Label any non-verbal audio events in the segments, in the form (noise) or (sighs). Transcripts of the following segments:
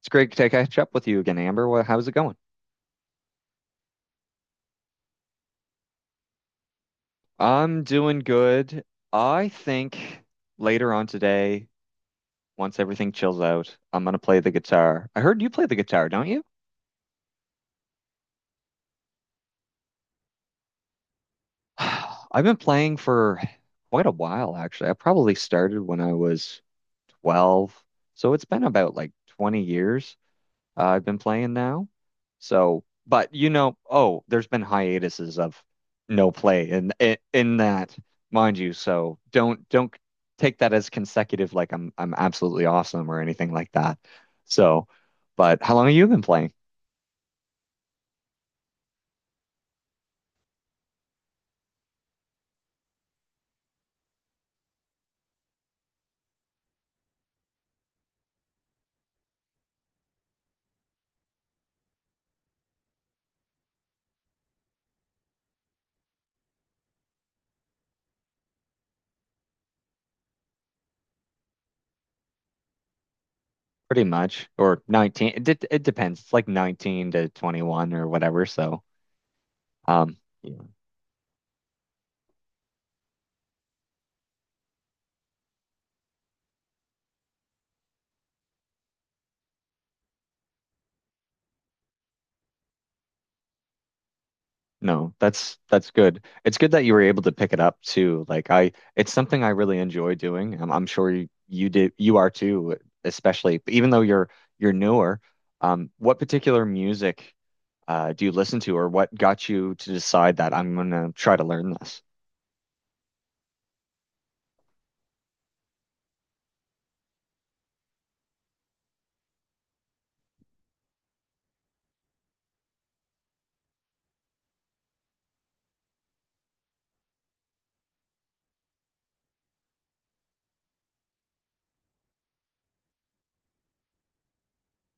It's great to catch up with you again, Amber. Well, how's it going? I'm doing good. I think later on today, once everything chills out, I'm gonna play the guitar. I heard you play the guitar, don't you? (sighs) I've been playing for quite a while, actually. I probably started when I was 12, so it's been about like 20 years. I've been playing now. So, but you know, oh, there's been hiatuses of no play in that, mind you. So don't take that as consecutive, like I'm absolutely awesome or anything like that. So, but how long have you been playing? Pretty much, or 19. It depends. It's like 19 to 21 or whatever. So, um, no, that's good. It's good that you were able to pick it up too. Like I, it's something I really enjoy doing. I'm sure you did, you are too, especially even though you're newer. What particular music do you listen to, or what got you to decide that I'm gonna try to learn this?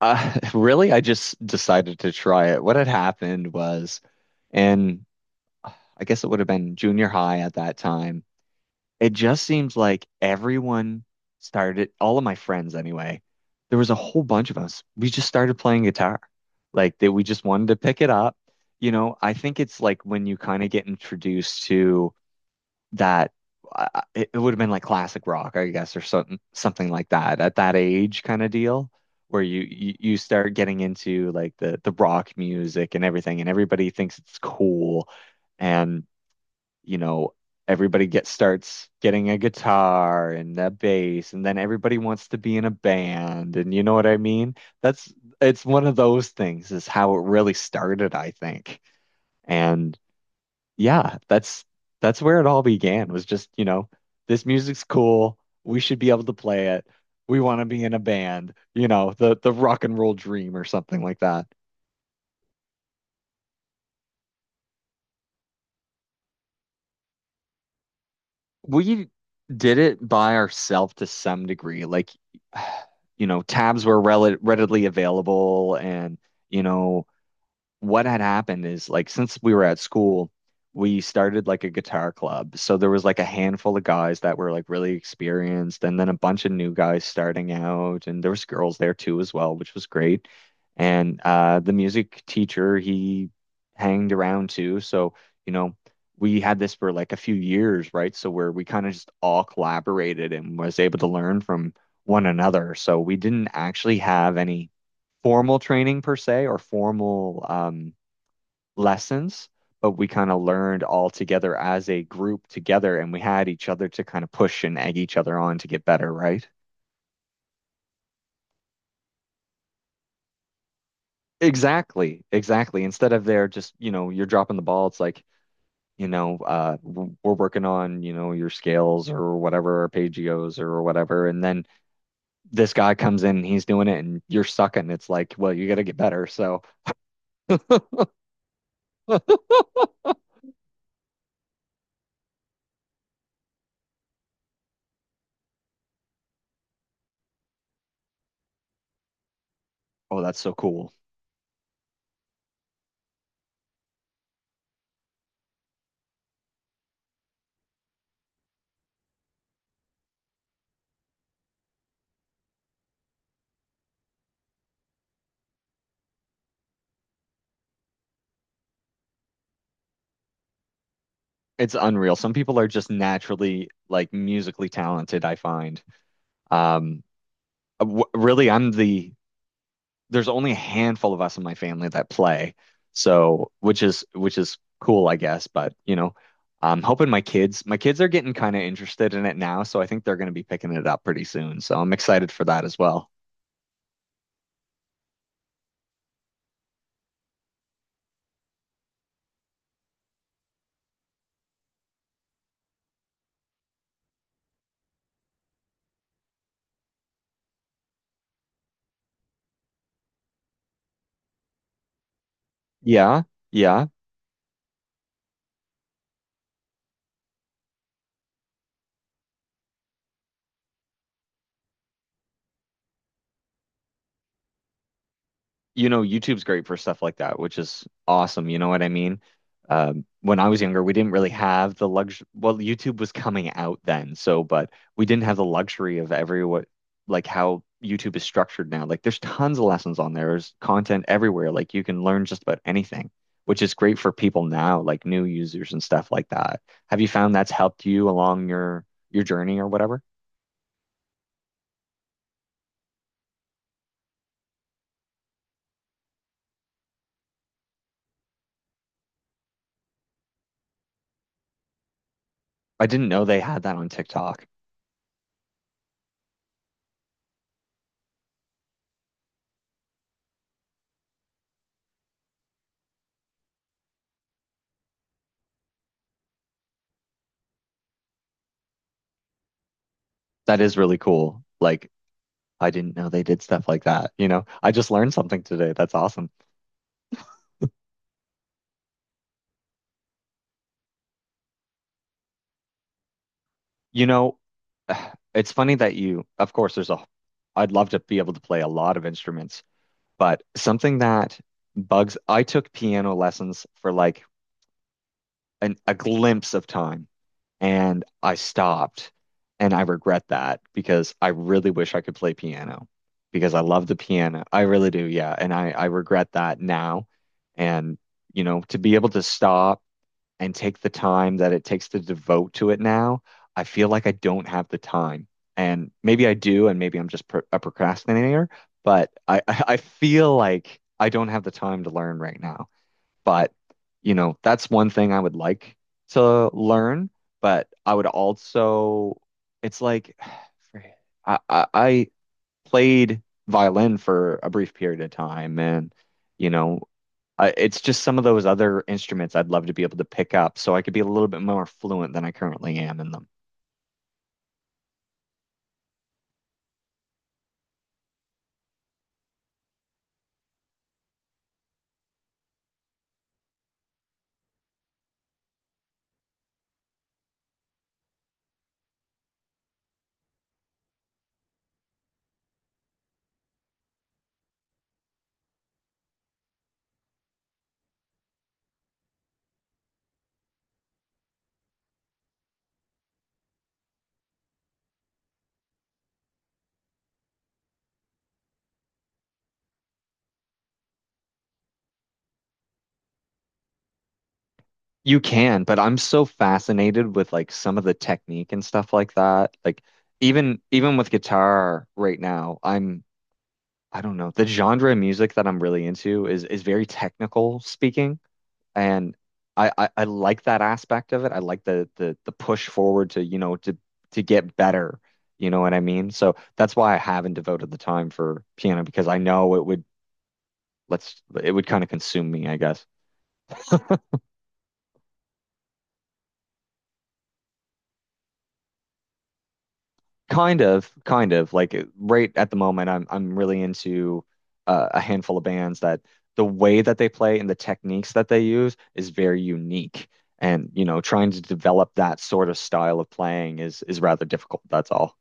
(laughs) Really, I just decided to try it. What had happened was, and I guess it would have been junior high at that time. It just seems like everyone started, all of my friends anyway, there was a whole bunch of us. We just started playing guitar. Like that we just wanted to pick it up. You know, I think it's like when you kind of get introduced to that uh, it would have been like classic rock, I guess, or something like that at that age kind of deal where you start getting into like the rock music and everything and everybody thinks it's cool. And you know, everybody get starts getting a guitar and a bass, and then everybody wants to be in a band, and you know what I mean? That's it's one of those things is how it really started, I think. And yeah, that's where it all began was just, you know, this music's cool. We should be able to play it. We want to be in a band, you know, the rock and roll dream or something like that. We did it by ourselves to some degree. Like, (sighs) you know, tabs were rel readily available and, you know, what had happened is like since we were at school, we started like a guitar club. So there was like a handful of guys that were like really experienced, and then a bunch of new guys starting out, and there was girls there too as well, which was great. And the music teacher, he hanged around too. So, you know, we had this for like a few years, right? So where we kind of just all collaborated and was able to learn from one another. So we didn't actually have any formal training per se or formal lessons, but we kind of learned all together as a group together and we had each other to kind of push and egg each other on to get better, right? Exactly, exactly. Instead of there just, you know, you're dropping the ball, it's like, you know, we're working on, you know, your scales or whatever, arpeggios or whatever. And then this guy comes in, he's doing it and you're sucking. It's like, well, you got to get better. So, (laughs) oh, that's so cool. It's unreal. Some people are just naturally like musically talented, I find. Um, w really, I'm there's only a handful of us in my family that play. So, which is cool, I guess, but you know, I'm hoping my kids are getting kind of interested in it now, so I think they're going to be picking it up pretty soon. So, I'm excited for that as well. Yeah. Yeah. You know, YouTube's great for stuff like that, which is awesome. You know what I mean? When I was younger, we didn't really have the luxury. Well, YouTube was coming out then, so but we didn't have the luxury of every what like how YouTube is structured now. Like, there's tons of lessons on there. There's content everywhere. Like, you can learn just about anything, which is great for people now, like new users and stuff like that. Have you found that's helped you along your journey or whatever? I didn't know they had that on TikTok. That is really cool. Like I didn't know they did stuff like that. You know, I just learned something today. That's awesome. You know, (sighs) it's funny that you, of course, there's I'd love to be able to play a lot of instruments, but something that I took piano lessons for like a glimpse of time and I stopped. And I regret that because I really wish I could play piano because I love the piano. I really do. Yeah. And I regret that now. And, you know, to be able to stop and take the time that it takes to devote to it now, I feel like I don't have the time. And maybe I do, and maybe I'm just pro a procrastinator, but I, (laughs) I feel like I don't have the time to learn right now. But, you know, that's one thing I would like to learn, but I would also, it's like, (sighs) for- I played violin for a brief period of time and, you know, it's just some of those other instruments I'd love to be able to pick up so I could be a little bit more fluent than I currently am in them. You can, but I'm so fascinated with like some of the technique and stuff like that. Like even with guitar right now, I don't know, the genre of music that I'm really into is very technical speaking. And I like that aspect of it. I like the push forward to, you know, to get better. You know what I mean? So that's why I haven't devoted the time for piano because I know it would let's it would kind of consume me, I guess. Kind of like right at the moment I'm really into a handful of bands that the way that they play and the techniques that they use is very unique. And, you know, trying to develop that sort of style of playing is rather difficult. That's all.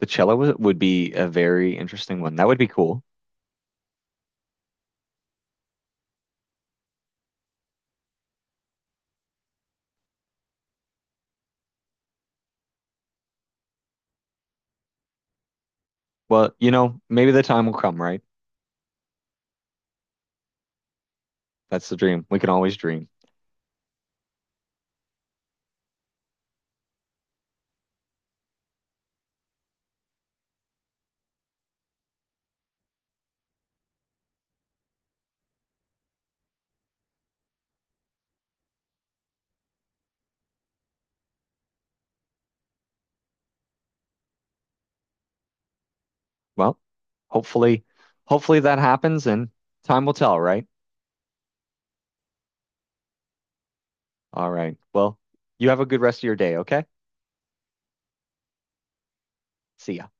The cello would be a very interesting one. That would be cool. Well, you know, maybe the time will come, right? That's the dream. We can always dream. Well, hopefully, hopefully that happens and time will tell, right? All right. Well, you have a good rest of your day, okay? See ya.